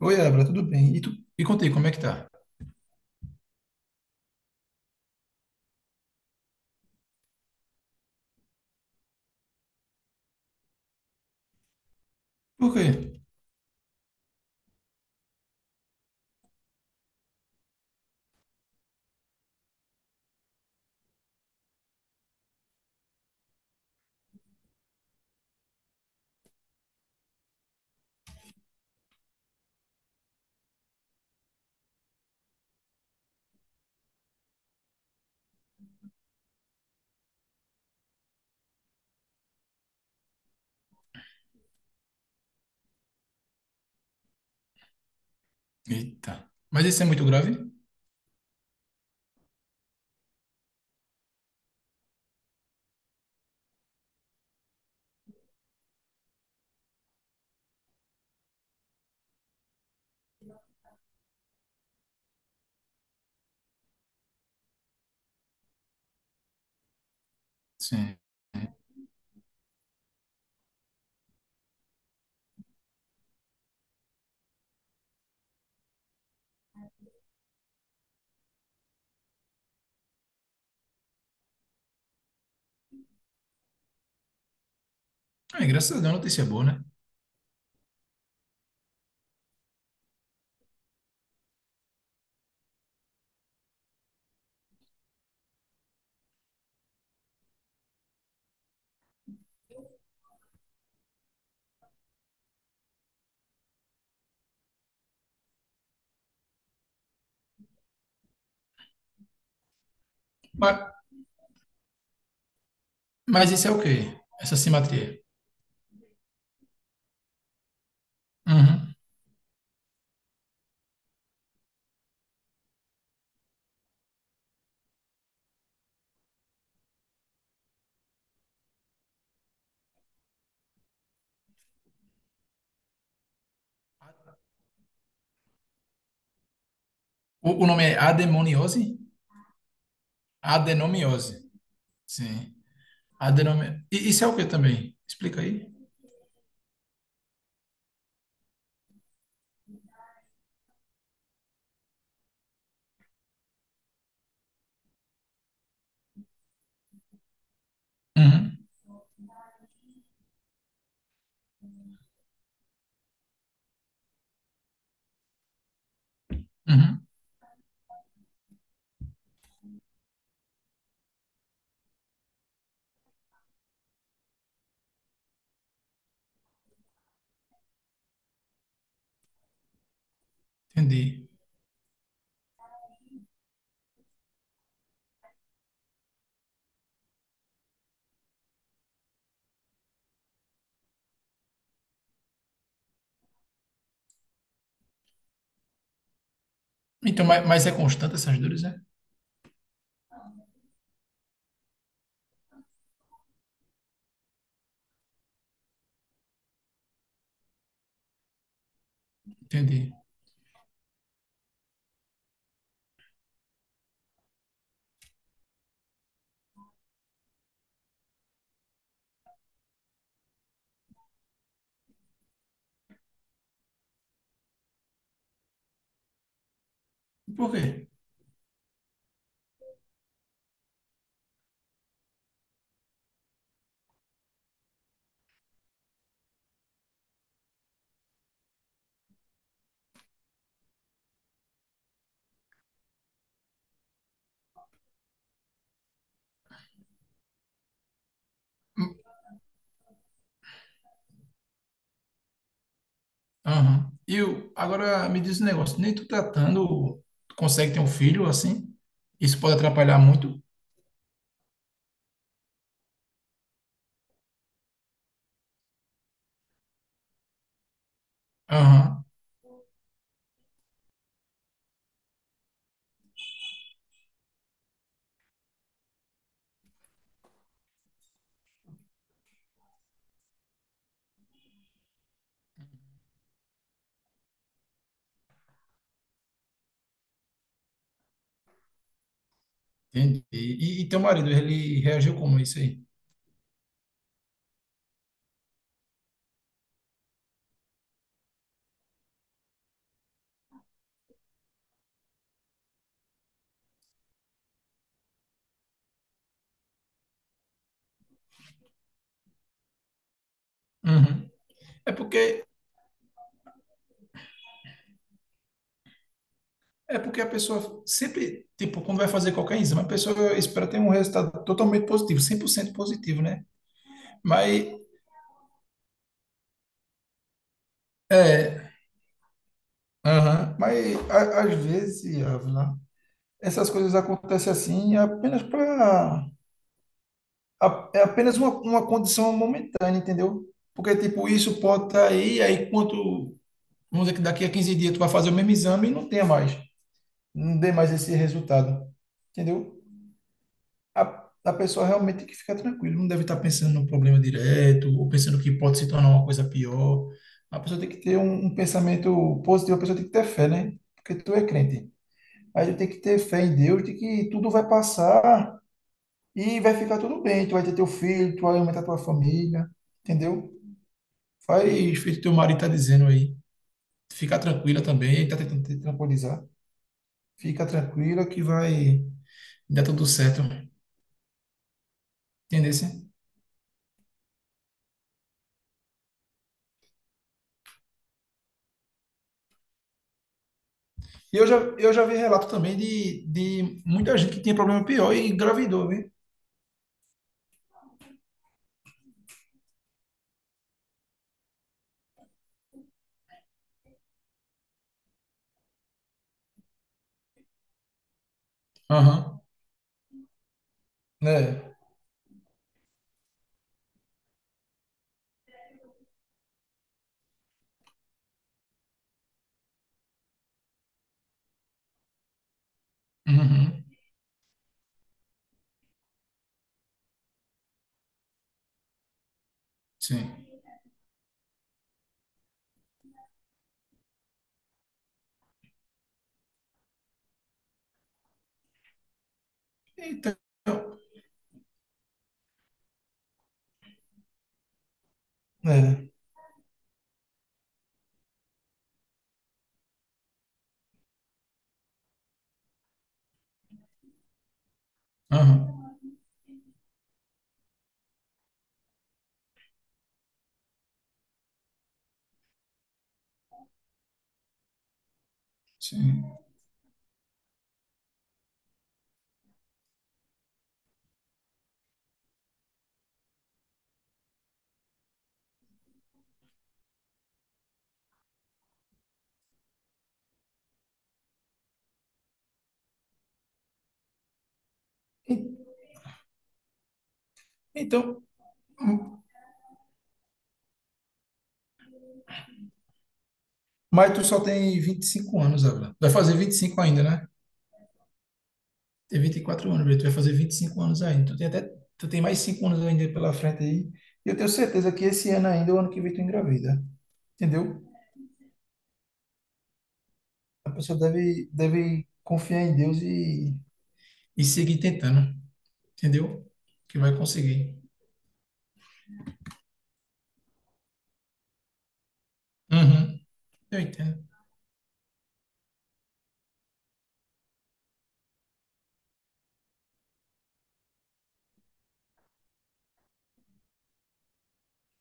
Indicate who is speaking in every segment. Speaker 1: Oi, Abra, tudo bem? E tu? E contei, como é que tá? Por quê? Eita. Mas isso é muito grave? Sim. Ah, graças a Deus, notícia boa, né? Mas, mas isso é o quê? Essa simetria? Uhum. O nome é adenomiose? Adenomiose. Sim. Adenome... E isso é o quê também? Explica aí. Uhum. Uhum. Entendi. Então, mas é constante essas dores, né? Entendi. Por quê? Aham. Agora me diz um negócio, nem tu tratando, tu consegue ter um filho assim? Isso pode atrapalhar muito? Aham, entendi. E teu marido, ele reagiu como a isso aí? Uhum. É porque é porque a pessoa sempre, tipo, quando vai fazer qualquer exame, a pessoa espera ter um resultado totalmente positivo, 100% positivo, né? Mas é, aham, às vezes, Ávila, essas coisas acontecem assim apenas para é apenas uma condição momentânea, entendeu? Porque, tipo, isso pode estar aí, aí quanto, vamos dizer que daqui a 15 dias tu vai fazer o mesmo exame e não tenha mais, não dê mais esse resultado, entendeu? A pessoa realmente tem que ficar tranquila, não deve estar pensando no problema direto, ou pensando que pode se tornar uma coisa pior. A pessoa tem que ter um, um pensamento positivo, a pessoa tem que ter fé, né? Porque tu é crente. Aí tem que ter fé em Deus, de que tudo vai passar, e vai ficar tudo bem. Tu vai ter teu filho, tu vai aumentar tua família, entendeu? Faz feito teu marido tá dizendo aí. Fica tranquila também, ele tá tentando te tranquilizar. Fica tranquila que vai dar tudo certo. Entendeu? Sim? E eu já vi relato também de muita gente que tinha problema pior e engravidou, viu? Aham. Né. Uhum. Sim. Então, é. Aham. Sim. E- Então, mas tu só tem 25 anos agora. Vai fazer 25 ainda, né? Tem 24 anos, velho. Tu vai fazer 25 anos ainda. Tu tem até, tu tem mais 5 anos ainda pela frente aí. E eu tenho certeza que esse ano ainda, o ano que vem, tu engravida. Entendeu? A pessoa deve confiar em Deus e seguir tentando. Entendeu? Que vai conseguir. Uhum. Eu entendo.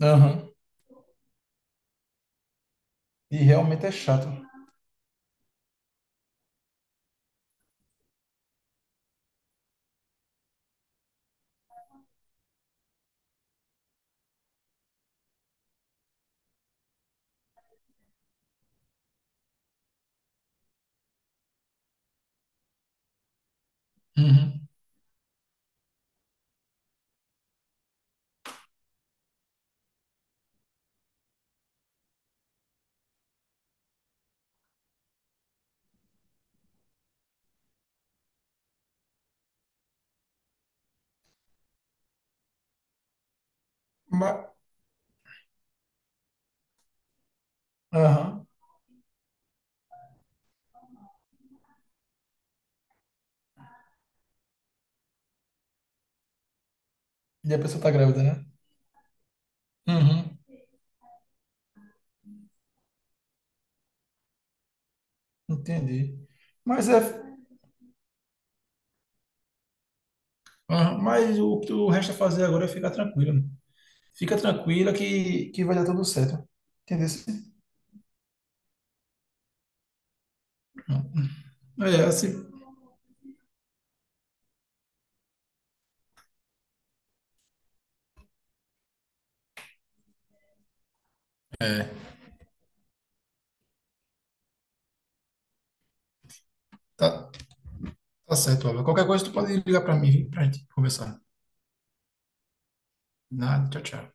Speaker 1: Aham. E realmente é chato. Uhum. Mas, aham. E a pessoa tá grávida, né? Uhum. Entendi. Mas é, aham. Mas o que tu resta fazer agora é ficar tranquilo. Fica tranquila que vai dar tudo certo. Entendeu? É, assim, é, tá, tá certo, Álvaro. Qualquer coisa tu pode ligar pra mim, pra gente conversar. Nada, tchau, tchau.